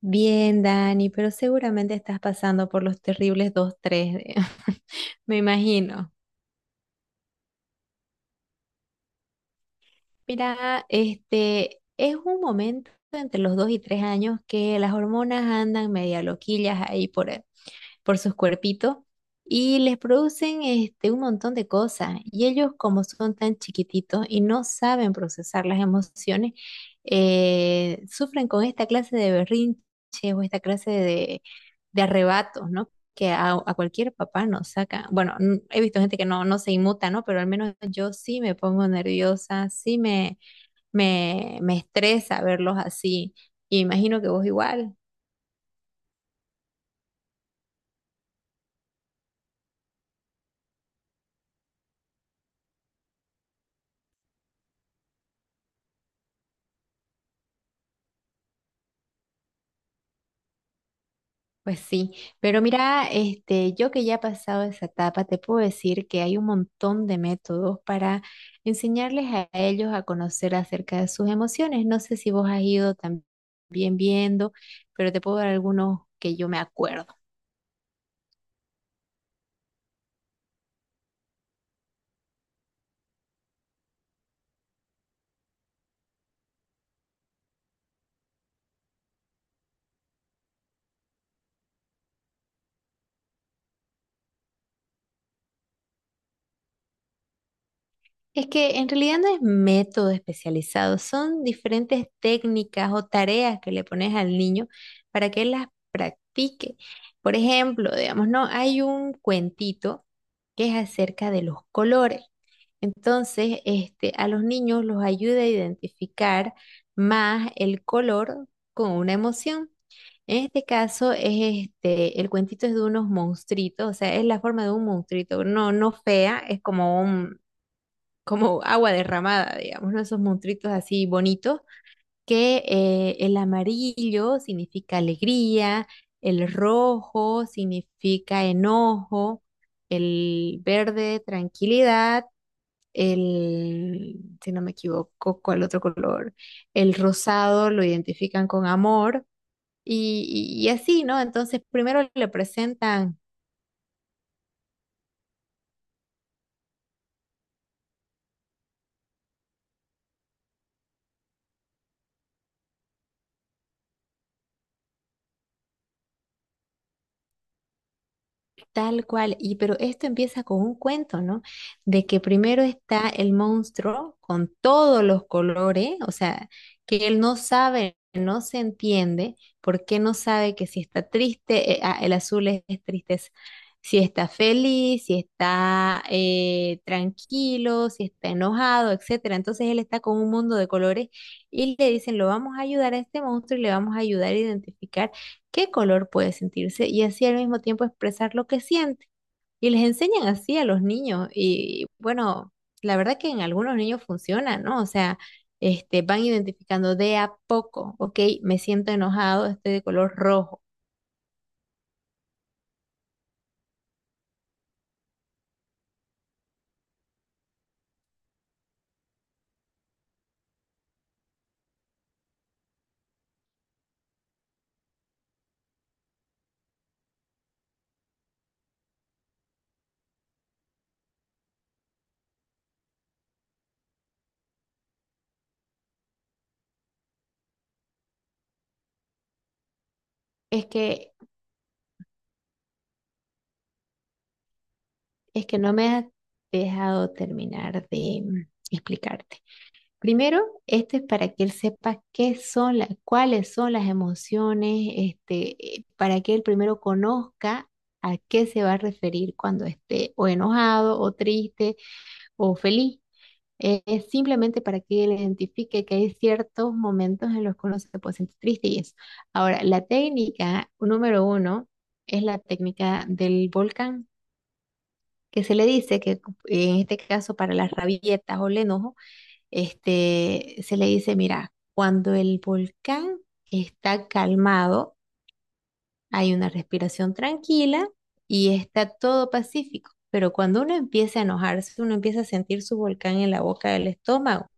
Bien, Dani, pero seguramente estás pasando por los terribles dos tres. Me imagino. Mira, este es un momento entre los 2 y 3 años que las hormonas andan media loquillas ahí por sus cuerpitos y les producen un montón de cosas. Y ellos, como son tan chiquititos y no saben procesar las emociones, sufren con esta clase de berrinches o esta clase de arrebatos, ¿no? Que a cualquier papá nos saca. Bueno, he visto gente que no se inmuta, ¿no? Pero al menos yo sí me pongo nerviosa, sí me estresa verlos así. Y imagino que vos igual. Pues sí, pero mira, yo que ya he pasado esa etapa, te puedo decir que hay un montón de métodos para enseñarles a ellos a conocer acerca de sus emociones. No sé si vos has ido también viendo, pero te puedo dar algunos que yo me acuerdo. Es que en realidad no es método especializado, son diferentes técnicas o tareas que le pones al niño para que él las practique. Por ejemplo, digamos, no, hay un cuentito que es acerca de los colores. Entonces, a los niños los ayuda a identificar más el color con una emoción. En este caso es el cuentito es de unos monstruitos, o sea, es la forma de un monstruito, no, no fea, es como como agua derramada, digamos, ¿no? Esos monstruitos así bonitos, que el amarillo significa alegría, el rojo significa enojo, el verde tranquilidad, el, si no me equivoco, ¿cuál otro color? El rosado lo identifican con amor y así, ¿no? Entonces primero le presentan. Tal cual, y pero esto empieza con un cuento, ¿no? De que primero está el monstruo con todos los colores, o sea, que él no sabe, no se entiende, porque no sabe que si está triste, el azul es tristeza, si está feliz, si está tranquilo, si está enojado, etcétera. Entonces él está con un mundo de colores y le dicen, lo vamos a ayudar a este monstruo y le vamos a ayudar a identificar qué color puede sentirse y así al mismo tiempo expresar lo que siente. Y les enseñan así a los niños y bueno, la verdad que en algunos niños funciona, ¿no? O sea, van identificando de a poco, ok, me siento enojado, estoy de color rojo. Es que, es que no me has dejado terminar de explicarte. Primero, esto es para que él sepa qué son cuáles son las emociones, para que él primero conozca a qué se va a referir cuando esté o enojado, o triste, o feliz. Es simplemente para que él identifique que hay ciertos momentos en los que uno se puede sentir triste y eso. Ahora, la técnica número uno es la técnica del volcán, que se le dice que en este caso para las rabietas o el enojo se le dice, mira, cuando el volcán está calmado, hay una respiración tranquila y está todo pacífico. Pero cuando uno empieza a enojarse, uno empieza a sentir su volcán en la boca del estómago.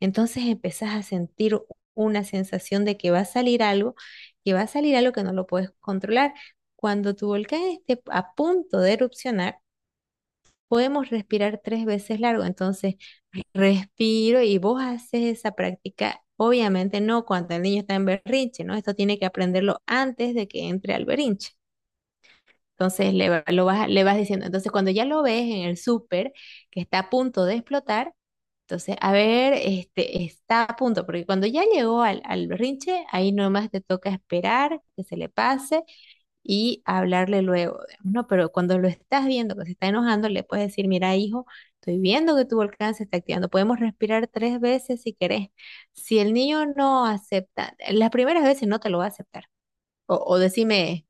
Entonces empezás a sentir una sensación de que va a salir algo, que va a salir algo que no lo puedes controlar. Cuando tu volcán esté a punto de erupcionar, podemos respirar tres veces largo. Entonces, respiro y vos haces esa práctica, obviamente no cuando el niño está en berrinche, ¿no? Esto tiene que aprenderlo antes de que entre al berrinche. Entonces le, va- lo vas, le vas diciendo, entonces cuando ya lo ves en el súper que está a punto de explotar, entonces, a ver, este está a punto, porque cuando ya llegó al, al berrinche, ahí nomás te toca esperar que se le pase y hablarle luego, digamos, ¿no? Pero cuando lo estás viendo que se está enojando, le puedes decir, mira, hijo, estoy viendo que tu volcán se está activando, podemos respirar tres veces si querés. Si el niño no acepta, las primeras veces no te lo va a aceptar. O decime,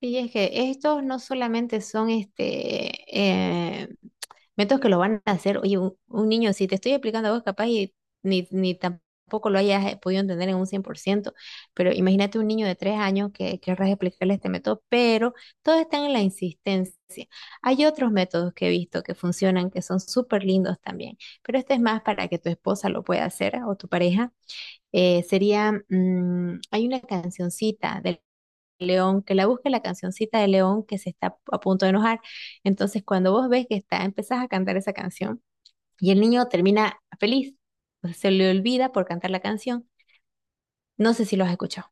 y es que estos no solamente son métodos que lo van a hacer. Oye, un niño, si te estoy explicando a vos, capaz y ni tampoco lo hayas podido entender en un 100%, pero imagínate un niño de 3 años que querrás explicarle este método, pero todos están en la insistencia. Hay otros métodos que he visto que funcionan, que son súper lindos también, pero este es más para que tu esposa lo pueda hacer o tu pareja. Sería, hay una cancioncita de León, que la busque la cancioncita de León que se está a punto de enojar. Entonces, cuando vos ves que está, empezás a cantar esa canción y el niño termina feliz, pues se le olvida por cantar la canción. No sé si lo has escuchado.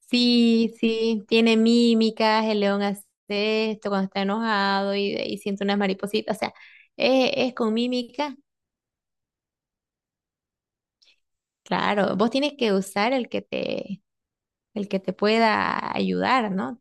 Sí, sí, tiene mímicas, el león hace esto cuando está enojado y siente unas maripositas, o sea, es con mímica. Claro, vos tienes que usar el que te pueda ayudar, ¿no?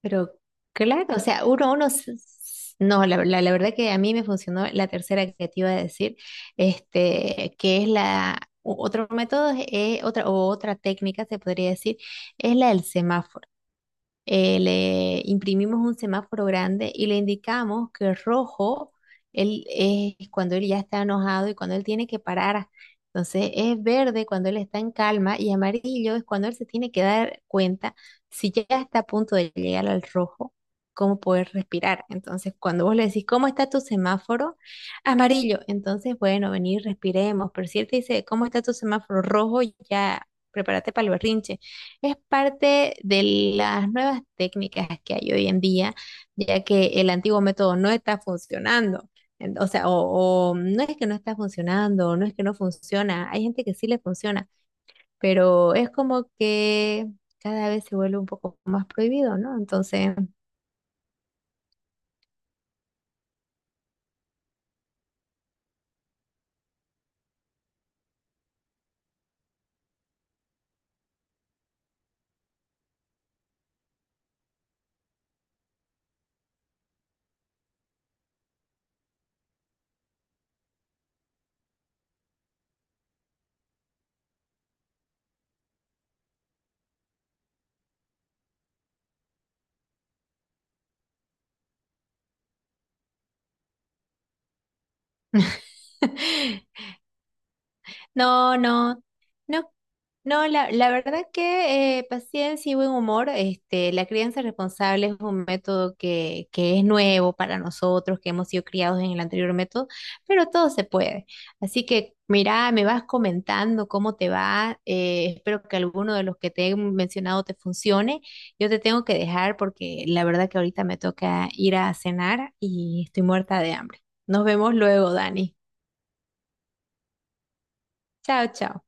Pero claro, o sea, no, la verdad que a mí me funcionó la tercera que te iba a decir, que es otro método, es otra técnica se podría decir, es la del semáforo. Le imprimimos un semáforo grande y le indicamos que rojo él es cuando él ya está enojado y cuando él tiene que parar. Entonces es verde cuando él está en calma y amarillo es cuando él se tiene que dar cuenta si ya está a punto de llegar al rojo, cómo poder respirar. Entonces cuando vos le decís, ¿cómo está tu semáforo? Amarillo. Entonces, bueno, venir, respiremos. Pero si él te dice, ¿cómo está tu semáforo rojo? Ya prepárate para el berrinche. Es parte de las nuevas técnicas que hay hoy en día, ya que el antiguo método no está funcionando. O sea, o no es que no está funcionando, no es que no funciona. Hay gente que sí le funciona, pero es como que cada vez se vuelve un poco más prohibido, ¿no? Entonces, no, no, no, no, la verdad que paciencia y buen humor, la crianza responsable es un método que es nuevo para nosotros, que hemos sido criados en el anterior método, pero todo se puede. Así que, mira, me vas comentando cómo te va, espero que alguno de los que te he mencionado te funcione. Yo te tengo que dejar porque la verdad que ahorita me toca ir a cenar y estoy muerta de hambre. Nos vemos luego, Dani. Chao, chao.